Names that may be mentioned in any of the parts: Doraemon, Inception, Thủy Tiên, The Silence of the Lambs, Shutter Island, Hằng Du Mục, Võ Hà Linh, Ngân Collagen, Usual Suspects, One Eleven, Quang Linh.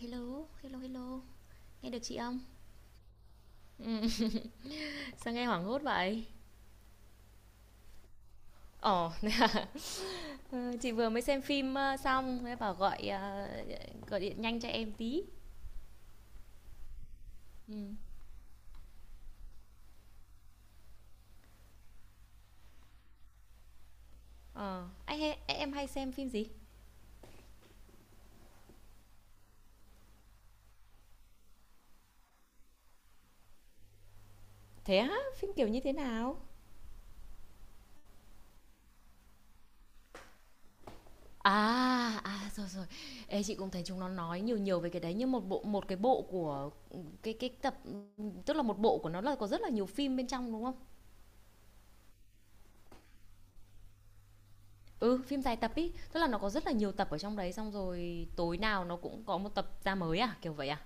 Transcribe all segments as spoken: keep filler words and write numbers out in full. Hello, hello, hello. Nghe được chị không? Ừm, sao nghe hoảng hốt vậy? Ồ, ờ, chị vừa mới xem phim ờ, xong, thế bảo gọi ờ, gọi điện nhanh cho em tí. Ừm. Ờ, anh hay, em hay xem phim gì? Thế á, phim kiểu như thế nào? À, à, rồi rồi. Ê, chị cũng thấy chúng nó nói nhiều nhiều về cái đấy nhưng một bộ một cái bộ của cái cái tập, tức là một bộ của nó là có rất là nhiều phim bên trong, đúng không? Ừ, phim dài tập ý tức là nó có rất là nhiều tập ở trong đấy, xong rồi tối nào nó cũng có một tập ra mới à, kiểu vậy à?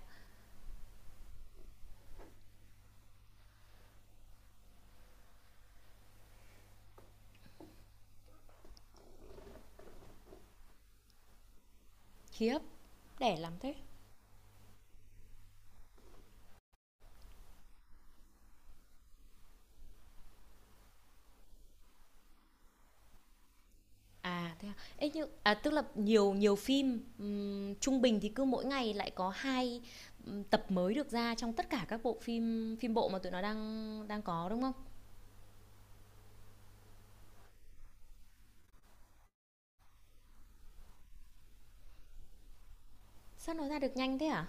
Khiếp. Đẻ lắm thế. À thế à. Ê nhưng à tức là nhiều nhiều phim ừm, trung bình thì cứ mỗi ngày lại có hai ừm, tập mới được ra trong tất cả các bộ phim phim bộ mà tụi nó đang đang có, đúng không? Sao nó ra được nhanh thế à?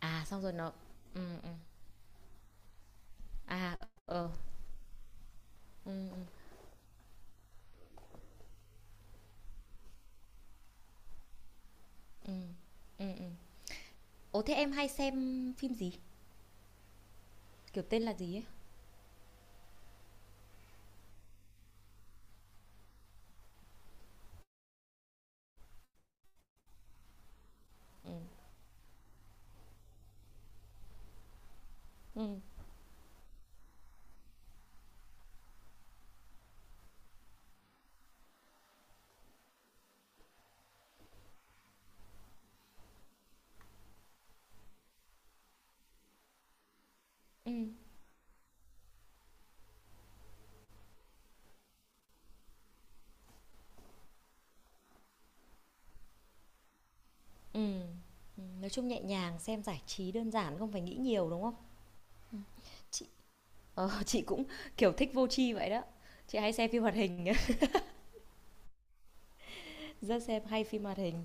À, xong rồi nó. Ừ, ừ. À. Ờ. Ừ, ừ, ừ, ừ. Ừ. Ồ, thế em hay xem phim gì? Kiểu tên là gì ấy? Ừ, ừ, ừ. Ừm, ừm, nói chung nhẹ nhàng, xem giải trí đơn giản, không phải nghĩ nhiều, đúng không? Chị ờ, chị cũng, kiểu, thích vô tri vậy đó. Chị hay xem phim hoạt hình. Rất xem hay phim hoạt hình.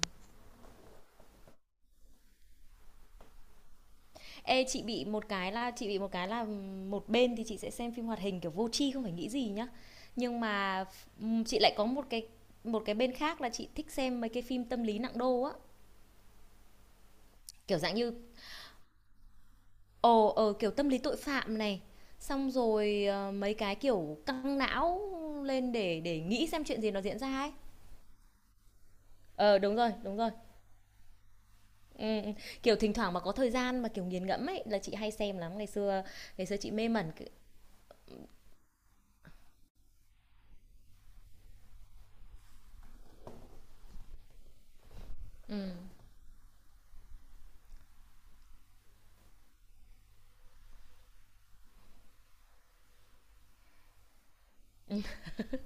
Ê, chị bị một cái là chị bị một cái là một bên thì chị sẽ xem phim hoạt hình, kiểu, vô tri không phải nghĩ gì nhá. Nhưng mà ừm, chị lại có một cái một cái bên khác là chị thích xem mấy cái phim tâm lý nặng đô á, kiểu, dạng như ồ, ờ, kiểu, tâm lý tội phạm này, xong rồi, ờ, mấy cái, kiểu, căng não lên để để nghĩ xem chuyện gì nó diễn ra ấy. Ờ, đúng rồi, đúng rồi. Ừm, ừm. Kiểu, thỉnh thoảng mà có thời gian mà, kiểu, nghiền ngẫm ấy, là chị hay xem lắm. Ngày xưa ngày xưa chị mê mẩn c ừm,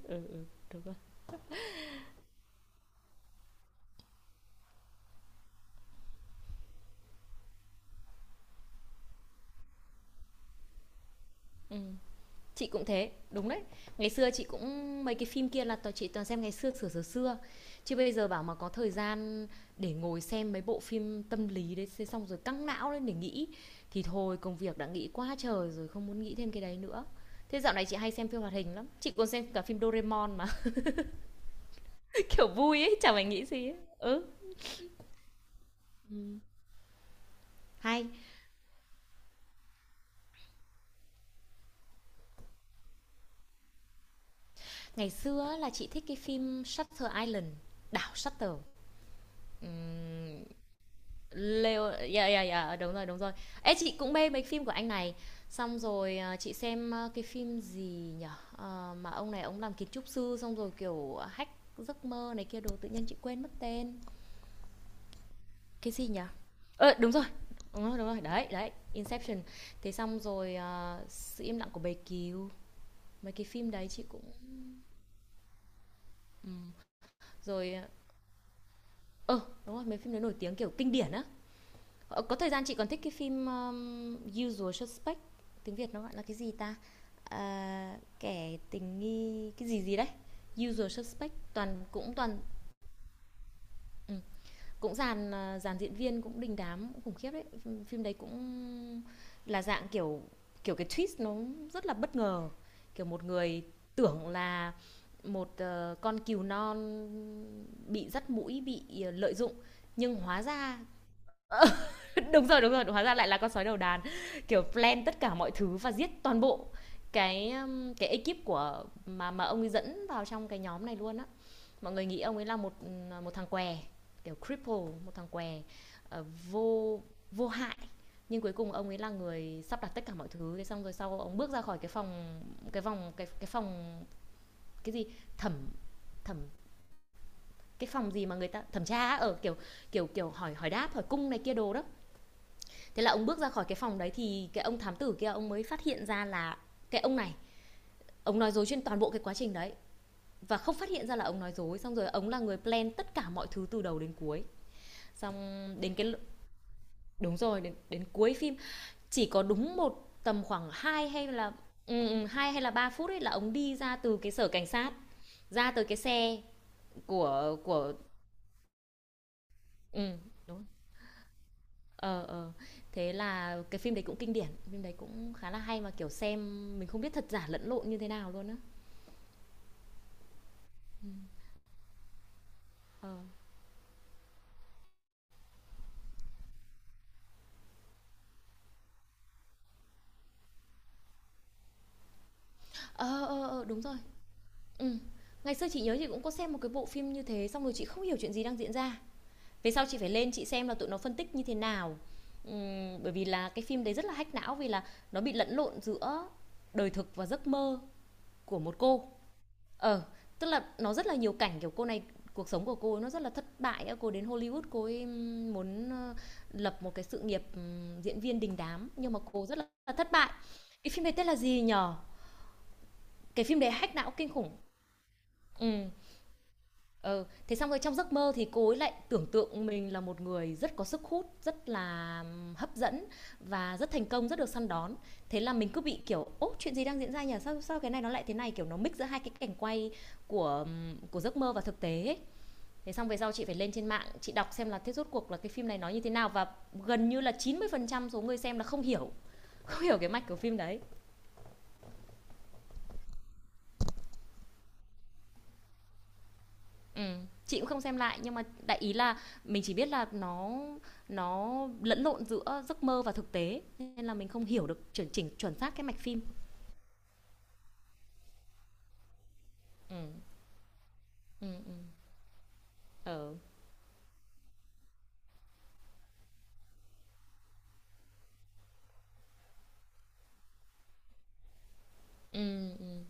ừ, đúng rồi, ừm. Chị cũng thế, đúng đấy. Ngày xưa chị cũng mấy cái phim kia là toàn chị toàn xem ngày xưa, xửa xừa xưa. Chứ bây giờ bảo mà có thời gian để ngồi xem mấy bộ phim tâm lý đấy, thế xong rồi căng não lên để nghĩ, thì thôi công việc đã nghĩ quá trời rồi, không muốn nghĩ thêm cái đấy nữa. Thế dạo này chị hay xem phim hoạt hình lắm, chị còn xem cả phim Doraemon mà, kiểu, vui ấy, chả phải nghĩ gì ấy. Ừ, hay. Ngày xưa là chị thích cái phim Shutter Island, đảo Shutter. Ừm, Leo, yeah yeah yeah, đúng rồi, đúng rồi. Ê, chị cũng mê mấy phim của anh này. Xong rồi à, chị xem à, cái phim gì nhở? Ờ, mà ông này ông làm kiến trúc sư xong rồi kiểu hack giấc mơ này kia đồ, tự nhiên chị quên mất tên. Cái gì nhở? Ờ, đúng rồi. Đúng rồi, đúng rồi. Đấy, đấy, Inception. Thế xong rồi à, sự im lặng của bầy cừu. Mấy cái phim đấy chị cũng ừm. Rồi ờ ờ, đúng rồi, mấy phim đấy nổi tiếng kiểu kinh điển á. Ờ, có thời gian chị còn thích cái phim um, Usual Suspect, tiếng Việt nó gọi là cái gì ta? À, kẻ tình nghi cái gì gì đấy. Usual Suspect, toàn cũng toàn ừ, cũng dàn à, dàn diễn viên cũng đình đám cũng khủng khiếp đấy, phim, phim đấy cũng là dạng kiểu kiểu cái twist nó rất là bất ngờ. Kiểu một người tưởng là một ờ, con cừu non bị dắt mũi bị ờ, lợi dụng, nhưng hóa ra đúng rồi đúng rồi, hóa ra lại là con sói đầu đàn, kiểu plan tất cả mọi thứ và giết toàn bộ cái um, cái ekip của mà mà ông ấy dẫn vào trong cái nhóm này luôn á. Mọi người nghĩ ông ấy là một một thằng què, kiểu cripple, một thằng què, ờ, vô vô hại, nhưng cuối cùng ông ấy là người sắp đặt tất cả mọi thứ, thế xong rồi sau ông bước ra khỏi cái phòng, cái vòng, cái cái phòng cái gì, thẩm, thẩm, cái phòng gì mà người ta thẩm tra ở kiểu, kiểu kiểu hỏi hỏi đáp, hỏi cung này kia đồ đó, thế là ông bước ra khỏi cái phòng đấy thì cái ông thám tử kia ông mới phát hiện ra là cái ông này ông nói dối trên toàn bộ cái quá trình đấy, và không phát hiện ra là ông nói dối, xong rồi ông là người plan tất cả mọi thứ từ đầu đến cuối. Xong đến cái, đúng rồi, đến đến cuối phim, chỉ có đúng một tầm khoảng hai hay là ừ, ừ, hai hay là ba phút ấy là ông đi ra từ cái sở cảnh sát, ra tới cái xe của của. Ừ, đúng. ờ ờ Thế là cái phim đấy cũng kinh điển, phim đấy cũng khá là hay, mà kiểu xem mình không biết thật giả lẫn lộn như thế nào luôn á. Ừm, ờ. Ờ, ờ, ờ, đúng rồi. Ừm. Ngày xưa chị nhớ chị cũng có xem một cái bộ phim như thế, xong rồi chị không hiểu chuyện gì đang diễn ra. Về sau chị phải lên chị xem là tụi nó phân tích như thế nào. Ừm, bởi vì là cái phim đấy rất là hack não, vì là nó bị lẫn lộn giữa đời thực và giấc mơ của một cô. Ờ, tức là nó rất là nhiều cảnh, kiểu, cô này cuộc sống của cô ấy nó rất là thất bại á, cô đến Hollywood cô ấy ừm, muốn, ơ, lập một cái sự nghiệp, ừm, diễn viên đình đám, nhưng mà cô rất là thất bại. Cái phim này tên là gì nhở? Cái phim đấy hack não kinh khủng. Ừ. ờ Thế xong rồi trong giấc mơ thì cô ấy lại tưởng tượng mình là một người rất có sức hút, rất là hấp dẫn, và rất thành công, rất được săn đón. Thế là mình cứ bị kiểu, ố, chuyện gì đang diễn ra nhỉ, sao sao cái này nó lại thế này, kiểu nó mix giữa hai cái cảnh quay của của giấc mơ và thực tế ấy. Thế xong về sau chị phải lên trên mạng chị đọc xem là thế rốt cuộc là cái phim này nói như thế nào, và gần như là chín mươi phần trăm số người xem là không hiểu. Không hiểu cái mạch của phim đấy. Ừm, chị cũng không xem lại nhưng mà đại ý là mình chỉ biết là nó nó lẫn lộn giữa giấc mơ và thực tế, nên là mình không hiểu được chuẩn chỉnh chuẩn xác cái mạch phim. Ừm, ừm, ừm. Ờ. Ừm, ừm.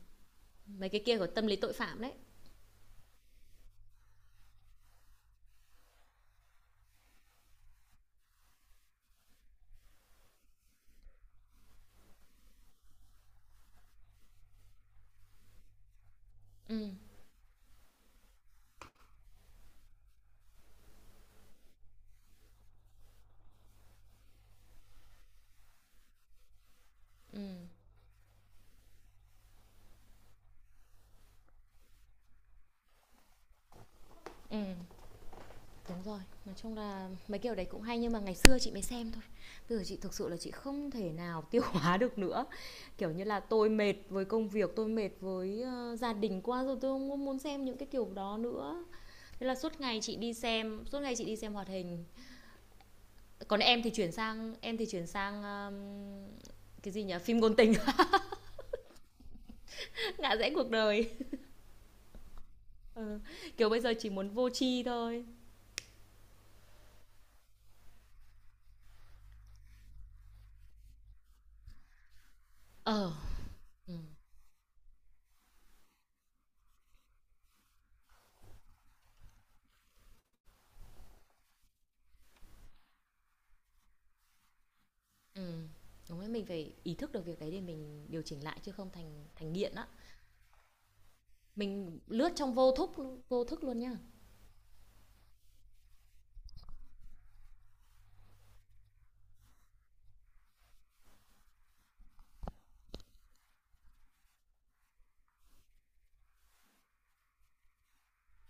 Mấy cái kia của tâm lý tội phạm đấy. Ừm, ừm, ừm. Đúng rồi, nói chung là mấy kiểu đấy cũng hay nhưng mà ngày xưa chị mới xem thôi. Bây giờ chị thực sự là chị không thể nào tiêu hóa được nữa. Kiểu như là tôi mệt với công việc, tôi mệt với, ơ, gia đình quá rồi, tôi không muốn xem những cái kiểu đó nữa. Thế là suốt ngày chị đi xem, suốt ngày chị đi xem hoạt hình. Còn em thì chuyển sang em thì chuyển sang um, cái gì nhỉ, phim ngôn tình, ngã rẽ cuộc đời. Ừ. Kiểu bây giờ chỉ muốn vô tri thôi. Ờ. Ừ. Ừ. Đúng đấy, mình phải ý thức được việc đấy để mình điều chỉnh lại chứ không thành thành nghiện á. Mình lướt trong vô thức, vô thức luôn nhá.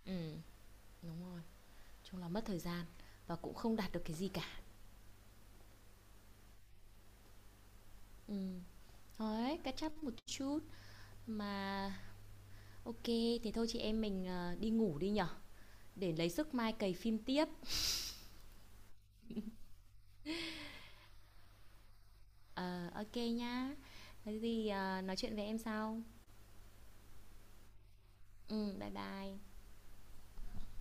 Ừ, đúng rồi, chung là mất thời gian, và cũng không đạt được cái gì cả. Ừ, thôi cắt chấp một chút mà, ok, thì thôi chị em mình ờ, đi ngủ đi nhở, để lấy sức mai cày phim tiếp. Ờ, uh, ok nhá. Có gì, ờ, nói chuyện với em sau. Ừm, bye bye.